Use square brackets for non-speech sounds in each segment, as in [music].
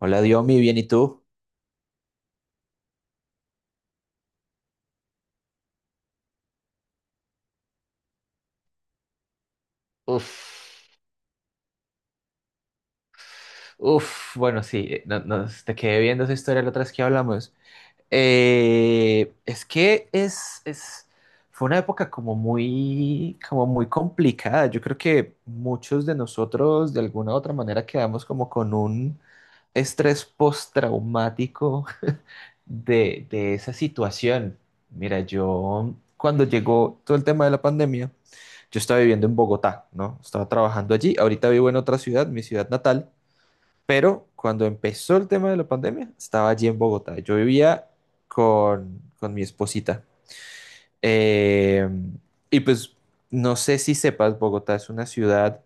Hola, Diomi, bien, ¿y tú? Uf, uf, bueno, sí, no, te quedé viendo esa historia la otra vez que hablamos. Es que fue una época como muy complicada. Yo creo que muchos de nosotros de alguna u otra manera quedamos como con un estrés postraumático de esa situación. Mira, yo cuando llegó todo el tema de la pandemia, yo estaba viviendo en Bogotá, ¿no? Estaba trabajando allí, ahorita vivo en otra ciudad, mi ciudad natal, pero cuando empezó el tema de la pandemia, estaba allí en Bogotá. Yo vivía con mi esposita. Eh, y pues no sé si sepas, Bogotá es una ciudad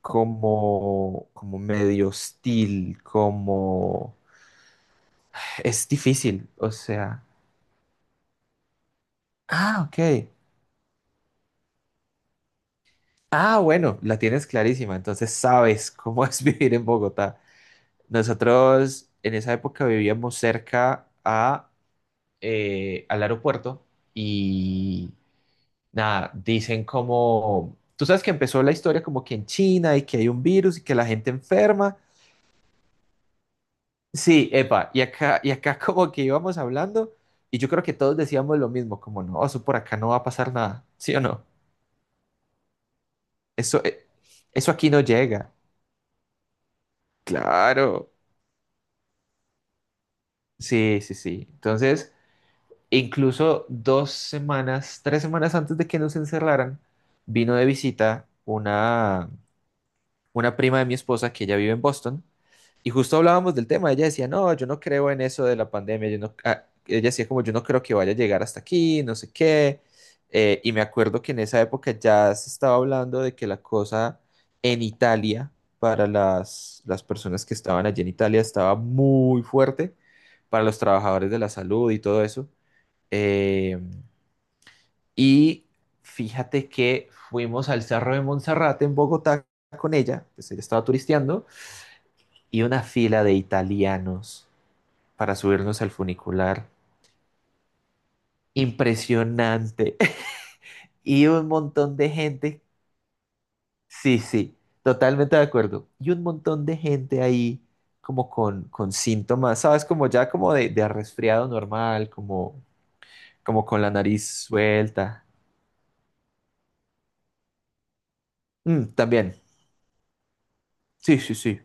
como medio hostil, como... Es difícil, o sea... Ah, ok. Ah, bueno, la tienes clarísima, entonces sabes cómo es [laughs] vivir en Bogotá. Nosotros en esa época vivíamos cerca al aeropuerto y nada, dicen como, tú sabes que empezó la historia como que en China y que hay un virus y que la gente enferma. Sí, epa, y acá [laughs] como que íbamos hablando y yo creo que todos decíamos lo mismo, como no, eso por acá no va a pasar nada, ¿sí o no? Eso, eh, eso aquí no llega. Claro. Sí, sí, sí. Entonces, incluso 2 semanas, 3 semanas antes de que nos encerraran, vino de visita una prima de mi esposa que ella vive en Boston y justo hablábamos del tema, ella decía, no, yo no creo en eso de la pandemia, yo no, ella decía como yo no creo que vaya a llegar hasta aquí, no sé qué. Y me acuerdo que en esa época ya se estaba hablando de que la cosa en Italia, para las personas que estaban allí en Italia, estaba muy fuerte, para los trabajadores de la salud y todo eso. Eh, y fíjate que fuimos al Cerro de Monserrate en Bogotá con ella, pues ella estaba turisteando, y una fila de italianos para subirnos al funicular. Impresionante. [laughs] Y un montón de gente, sí, sí, totalmente de acuerdo. Y un montón de gente ahí como con síntomas, ¿sabes? Como ya como de resfriado normal, como, como con la nariz suelta. Mm, también, sí, sí, sí.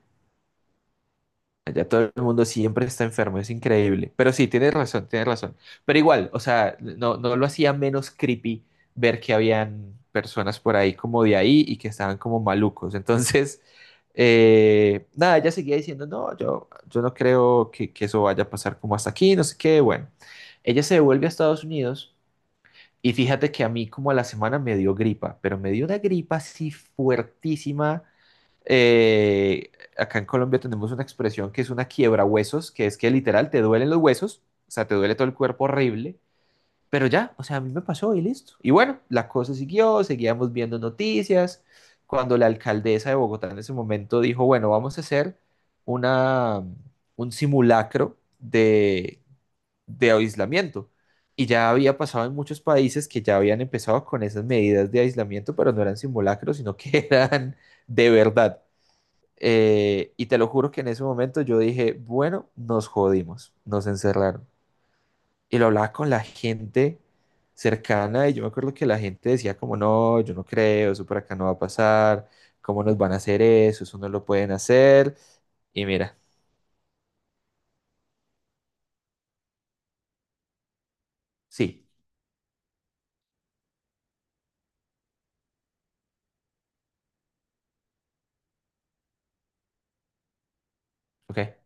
Allá todo el mundo siempre está enfermo, es increíble. Pero sí, tienes razón, tienes razón. Pero igual, o sea, no, no lo hacía menos creepy ver que habían personas por ahí como de ahí y que estaban como malucos. Entonces, [laughs] nada, ella seguía diciendo, no, yo no creo que eso vaya a pasar como hasta aquí, no sé qué. Bueno, ella se devuelve a Estados Unidos y fíjate que a mí como a la semana me dio gripa, pero me dio una gripa así fuertísima eh, acá en Colombia tenemos una expresión que es una quiebra huesos, que es que literal te duelen los huesos, o sea, te duele todo el cuerpo horrible, pero ya, o sea, a mí me pasó y listo. Y bueno, la cosa siguió, seguíamos viendo noticias. Cuando la alcaldesa de Bogotá en ese momento dijo, bueno, vamos a hacer una, un simulacro de aislamiento. Y ya había pasado en muchos países que ya habían empezado con esas medidas de aislamiento, pero no eran simulacros, sino que [laughs] eran de verdad. Y te lo juro que en ese momento yo dije, bueno, nos jodimos, nos encerraron. Y lo hablaba con la gente cercana y yo me acuerdo que la gente decía como, no, yo no creo, eso por acá no va a pasar, ¿cómo nos van a hacer eso? Eso no lo pueden hacer. Y mira, sí, ok.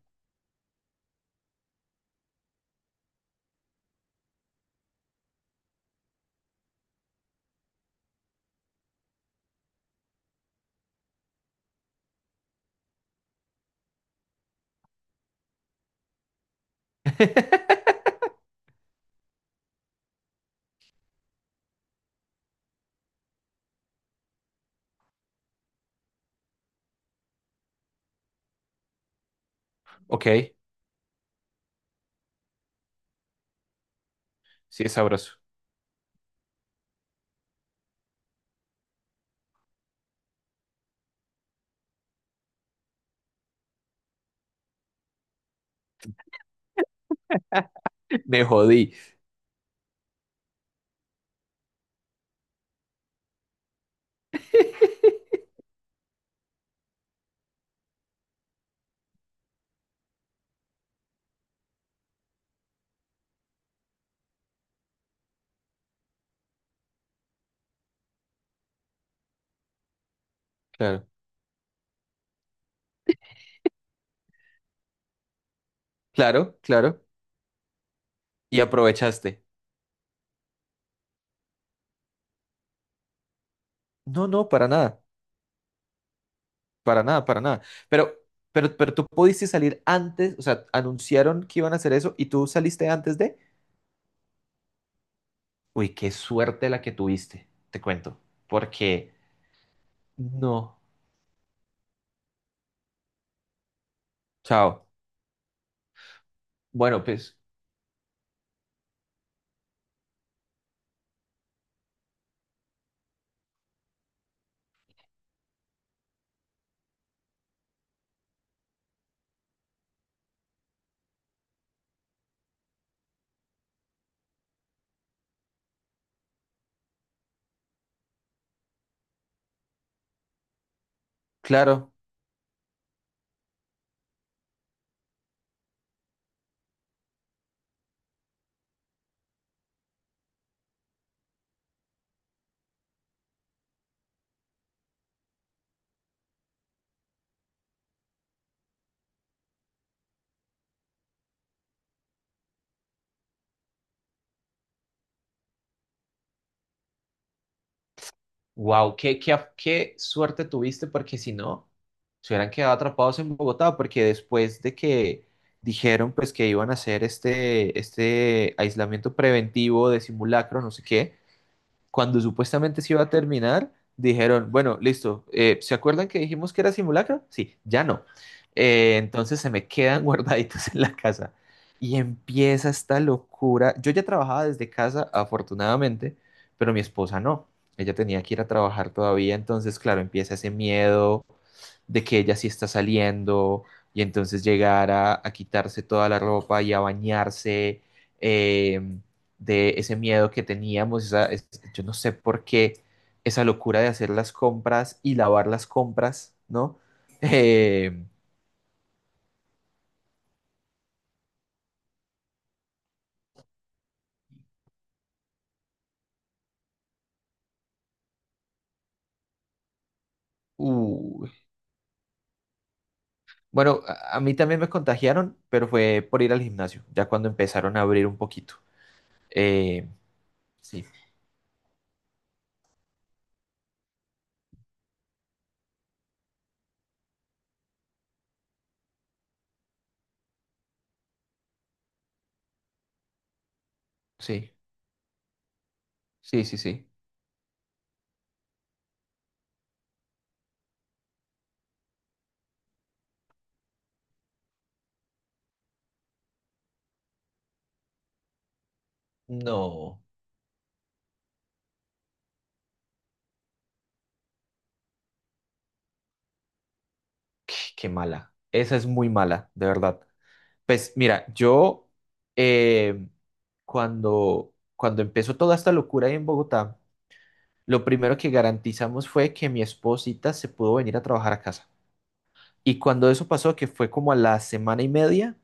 [laughs] Ok, sí es sabroso. [laughs] Me jodí. Claro, claro, claro. Y aprovechaste. No, no, para nada. Para nada, para nada. Pero, pero tú pudiste salir antes, o sea, anunciaron que iban a hacer eso y tú saliste antes de... Uy, qué suerte la que tuviste, te cuento. Porque no. Chao. Bueno, pues claro. Wow, qué suerte tuviste porque si no, se hubieran quedado atrapados en Bogotá porque después de que dijeron pues que iban a hacer este aislamiento preventivo de simulacro, no sé qué, cuando supuestamente se iba a terminar, dijeron, bueno, listo, ¿se acuerdan que dijimos que era simulacro? Sí, ya no. Entonces se me quedan [laughs] guardaditos en la casa. Y empieza esta locura. Yo ya trabajaba desde casa, afortunadamente, pero mi esposa no. Ella tenía que ir a trabajar todavía, entonces, claro, empieza ese miedo, de que ella sí está saliendo y entonces llegar a quitarse toda la ropa y a bañarse, eh, de ese miedo que teníamos, esa- es- yo no sé por qué esa locura de hacer las compras y lavar las compras, ¿no? [laughs] Eh, uh, bueno, a mí también me contagiaron, pero fue por ir al gimnasio, ya cuando empezaron a abrir un poquito. Eh, sí, sí, sí, sí, sí. No, qué mala. Esa es muy mala, de verdad. Pues mira, yo eh, cuando empezó toda esta locura ahí en Bogotá, lo primero que garantizamos fue que mi esposita se pudo venir a trabajar a casa. Y cuando eso pasó, que fue como a la semana y media,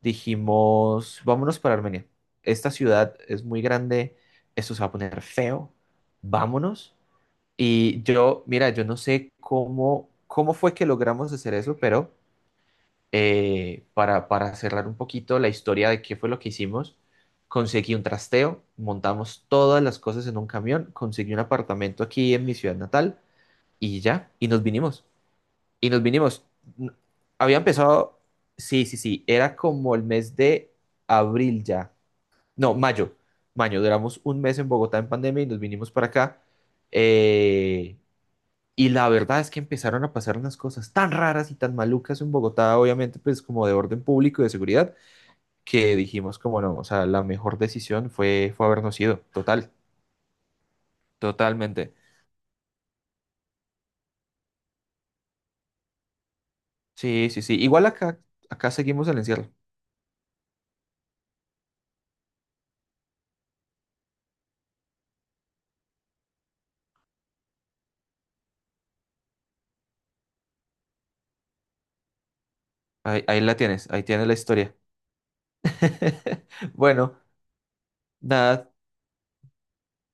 dijimos, vámonos para Armenia. Esta ciudad es muy grande, esto se va a poner feo, vámonos. Y yo, mira, yo no sé cómo, cómo fue que logramos hacer eso, pero para cerrar un poquito la historia de qué fue lo que hicimos, conseguí un trasteo, montamos todas las cosas en un camión, conseguí un apartamento aquí en mi ciudad natal y ya, y nos vinimos. Y nos vinimos. N- Había empezado, sí, sí, sí, era como el mes de abril ya. No, mayo. Mayo, duramos un mes en Bogotá en pandemia y nos vinimos para acá. Eh, y la verdad es que empezaron a pasar unas cosas tan raras y tan malucas en Bogotá, obviamente, pues como de orden público y de seguridad, que dijimos como no, o sea, la mejor decisión fue, fue habernos ido, total, totalmente. Sí, sí, sí. Igual acá seguimos el encierro. Ahí la tienes, ahí tienes la historia. [laughs] Bueno, nada,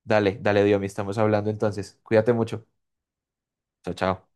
dale, dale, Diomi, estamos hablando entonces. Cuídate mucho. Chao, chao.